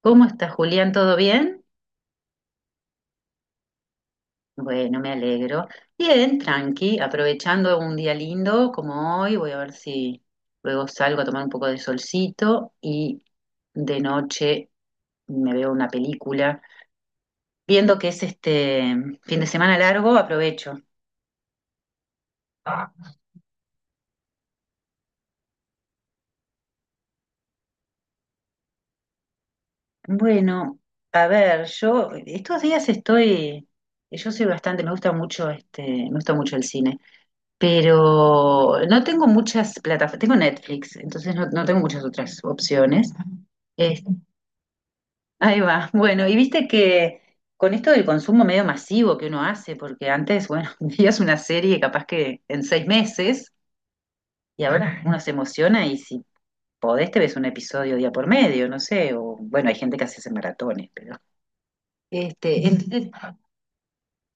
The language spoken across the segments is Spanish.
¿Cómo está Julián? ¿Todo bien? Bueno, me alegro. Bien, tranqui, aprovechando un día lindo como hoy, voy a ver si luego salgo a tomar un poco de solcito y de noche me veo una película. Viendo que es fin de semana largo, aprovecho. Bueno, a ver, yo estos días estoy, yo soy bastante, me gusta mucho me gusta mucho el cine, pero no tengo muchas plataformas, tengo Netflix, entonces no tengo muchas otras opciones. Este, ahí va, bueno, y viste que con esto del consumo medio masivo que uno hace, porque antes, bueno, veías una serie capaz que en seis meses, y ahora uno se emociona y si podés te ves un episodio día por medio, no sé, o bueno, hay gente que hace ese maratones, pero... Entonces,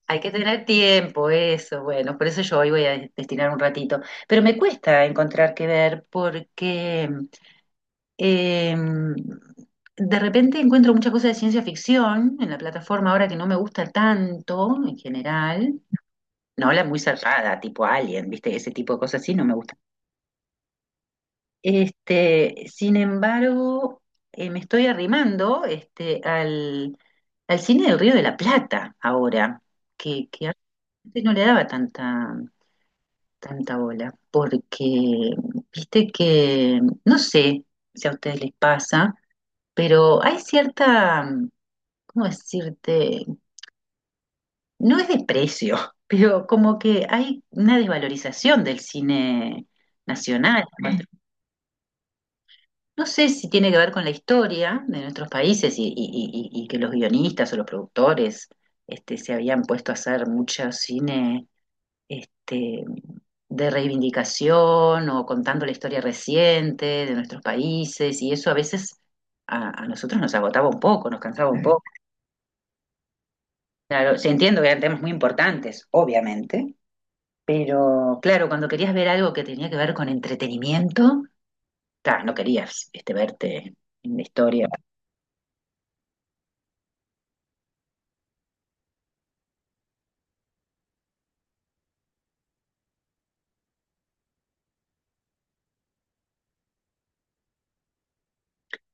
hay que tener tiempo, eso, bueno, por eso yo hoy voy a destinar un ratito. Pero me cuesta encontrar qué ver porque eh, de repente encuentro muchas cosas de ciencia ficción en la plataforma ahora que no me gusta tanto en general. No la muy zarpada, tipo Alien, ¿viste? Ese tipo de cosas así no me gusta. Sin embargo, me estoy arrimando al cine del Río de la Plata ahora, que antes no le daba tanta bola, porque viste que no sé si a ustedes les pasa, pero hay ¿cómo decirte? No es desprecio, pero como que hay una desvalorización del cine nacional. No sé si tiene que ver con la historia de nuestros países y que los guionistas o los productores se habían puesto a hacer mucho cine este, de reivindicación o contando la historia reciente de nuestros países y eso a veces a nosotros nos agotaba un poco, nos cansaba un poco. Claro, sí, entiendo que eran temas muy importantes, obviamente, pero claro, cuando querías ver algo que tenía que ver con entretenimiento, ta, no querías verte en la historia.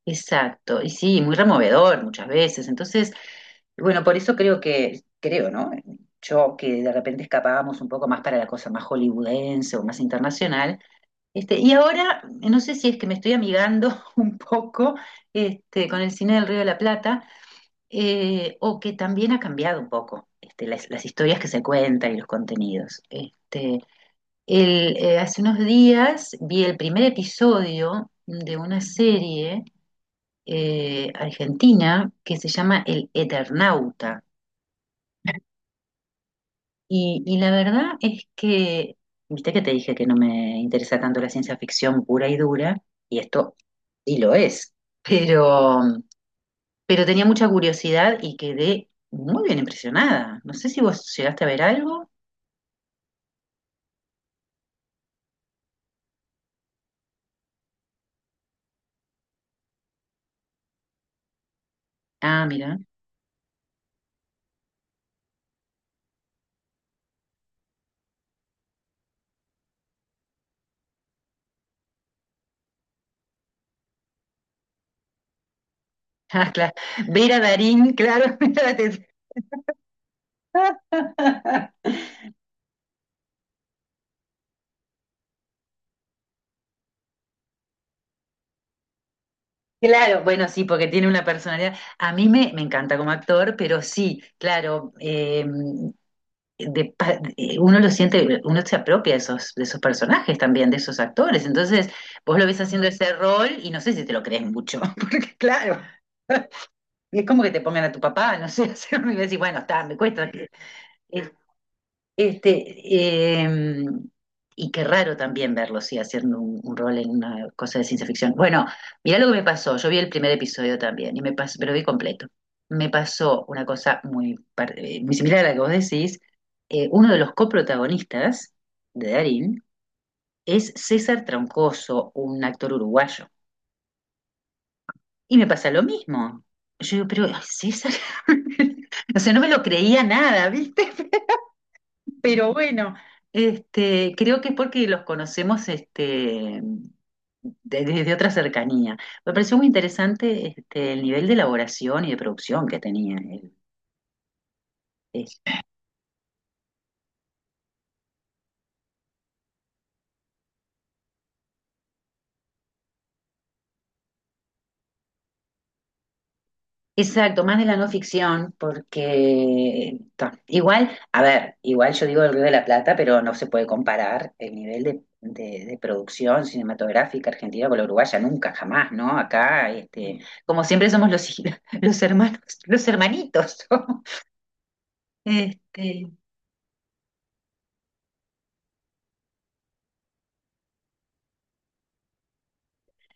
Exacto, y sí, muy removedor muchas veces. Entonces, bueno, por eso creo que, creo, ¿no? Yo que de repente escapábamos un poco más para la cosa más hollywoodense o más internacional. Y ahora, no sé si es que me estoy amigando un poco con el cine del Río de la Plata, o que también ha cambiado un poco las historias que se cuentan y los contenidos. Hace unos días vi el primer episodio de una serie argentina que se llama El Eternauta. Y la verdad es que, viste que te dije que no me interesa tanto la ciencia ficción pura y dura, y esto sí lo es, pero, pero tenía mucha curiosidad y quedé muy bien impresionada. No sé si vos llegaste a ver algo. Ah, mira. Ah, claro. Vera Darín, claro. mira, Claro, bueno, sí, porque tiene una personalidad. A mí me encanta como actor, pero sí, claro, uno lo siente, uno se apropia de esos personajes también, de esos actores. Entonces, vos lo ves haciendo ese rol y no sé si te lo crees mucho, porque claro, y es como que te pongan a tu papá, no sé, y decís, bueno, está, me cuesta. eh, este, eh, y qué raro también verlo, sí, haciendo un rol en una cosa de ciencia ficción. Bueno, mirá lo que me pasó. Yo vi el primer episodio también, y me pasó, pero vi completo. Me pasó una cosa muy similar a la que vos decís. Uno de los coprotagonistas de Darín es César Troncoso, un actor uruguayo. Y me pasa lo mismo. Yo digo, pero ay, César, o sea, no me lo creía nada, ¿viste? Pero bueno, creo que es porque los conocemos desde otra cercanía. Me pareció muy interesante el nivel de elaboración y de producción que tenía él el- Exacto, más de la no ficción, porque ta, igual, a ver, igual yo digo el Río de la Plata, pero no se puede comparar el nivel de producción cinematográfica argentina con la uruguaya, nunca, jamás, ¿no? Acá, como siempre somos los los hermanos, los hermanitos. ¿No? Este,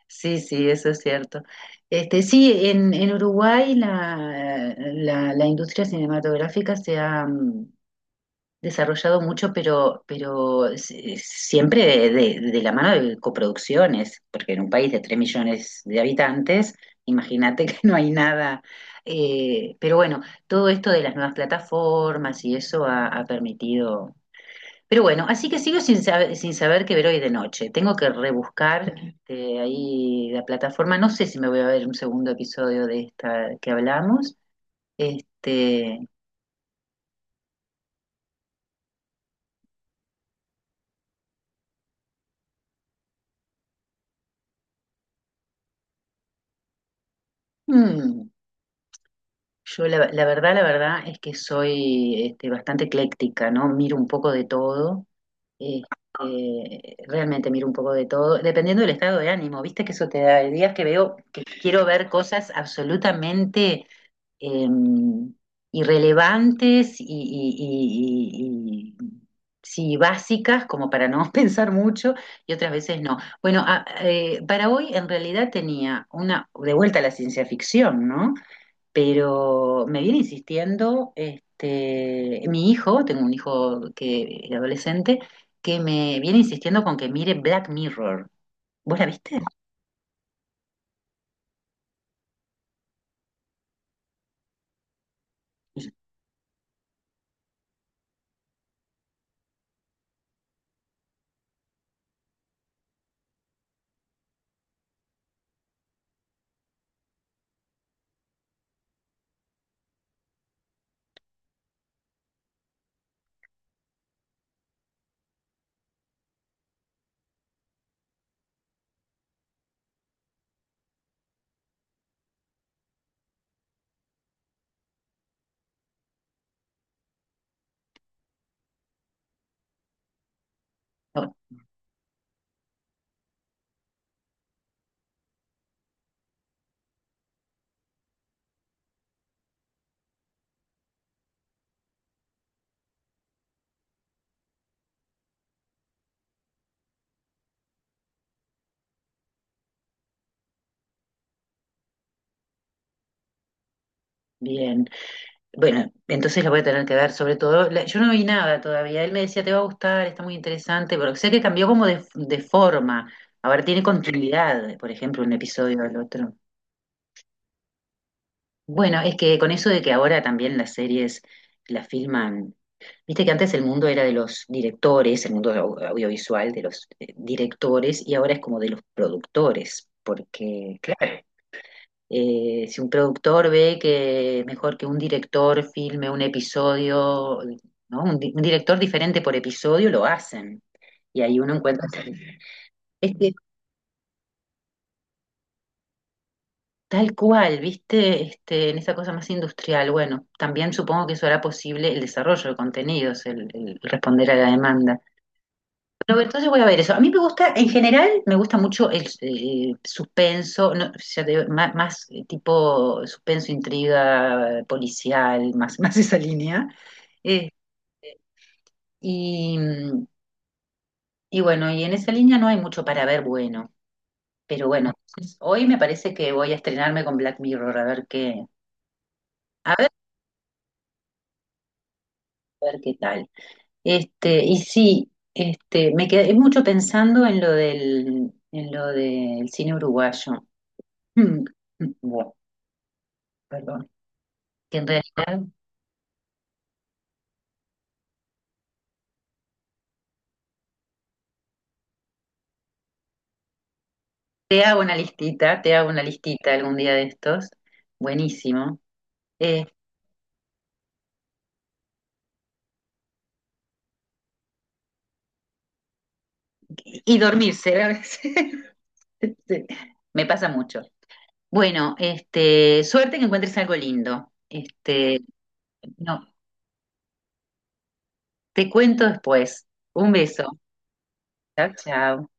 sí, sí, eso es cierto. Sí, en Uruguay la industria cinematográfica se ha desarrollado mucho, pero siempre de la mano de coproducciones, porque en un país de 3 millones de habitantes, imagínate que no hay nada. Pero bueno, todo esto de las nuevas plataformas y eso ha permitido. Pero bueno, así que sigo sin saber, sin saber qué ver hoy de noche. Tengo que rebuscar ahí la plataforma. No sé si me voy a ver un segundo episodio de esta que hablamos. Este, mm, yo la verdad es que soy bastante ecléctica, ¿no? Miro un poco de todo. eh, realmente miro un poco de todo, dependiendo del estado de ánimo, viste que eso te da, hay días que veo que quiero ver cosas absolutamente eh, irrelevantes y sí, básicas, como para no pensar mucho, y otras veces no. Bueno, para hoy en realidad tenía una, de vuelta a la ciencia ficción, ¿no? Pero me viene insistiendo, mi hijo, tengo un hijo que es adolescente, que me viene insistiendo con que mire Black Mirror. ¿Vos la viste? "No, bien. Bueno, entonces la voy a tener que ver, sobre todo, yo no vi nada todavía. Él me decía, te va a gustar, está muy interesante, pero sé que cambió como de forma. Ahora tiene continuidad, por ejemplo, un episodio al otro. Bueno, es que con eso de que ahora también las series las filman, viste que antes el mundo era de los directores, el mundo audiovisual de los directores y ahora es como de los productores, porque claro. Si un productor ve que es mejor que un director filme un episodio, ¿no? Un director diferente por episodio, lo hacen. Y ahí uno encuentra... Sí. Tal cual, viste, en esa cosa más industrial. Bueno, también supongo que eso hará posible el desarrollo de contenidos, el responder a la demanda. Pero entonces voy a ver eso. A mí me gusta, en general, me gusta mucho el suspenso, no, ya te digo, más, tipo suspenso, intriga, policial, más, más esa línea. Eh, y, mm, y bueno, y en esa línea no hay mucho para ver bueno. Pero bueno, hoy me parece que voy a estrenarme con Black Mirror, a ver a ver, a ver qué tal. Y sí, me quedé mucho pensando en lo en lo del cine uruguayo. Bueno, perdón. Que en realidad te hago una listita, te hago una listita algún día de estos. Buenísimo. Eh, y dormirse a veces. Sí, me pasa mucho. Bueno, suerte que encuentres algo lindo. No, te cuento después. Un beso. Chao, chao.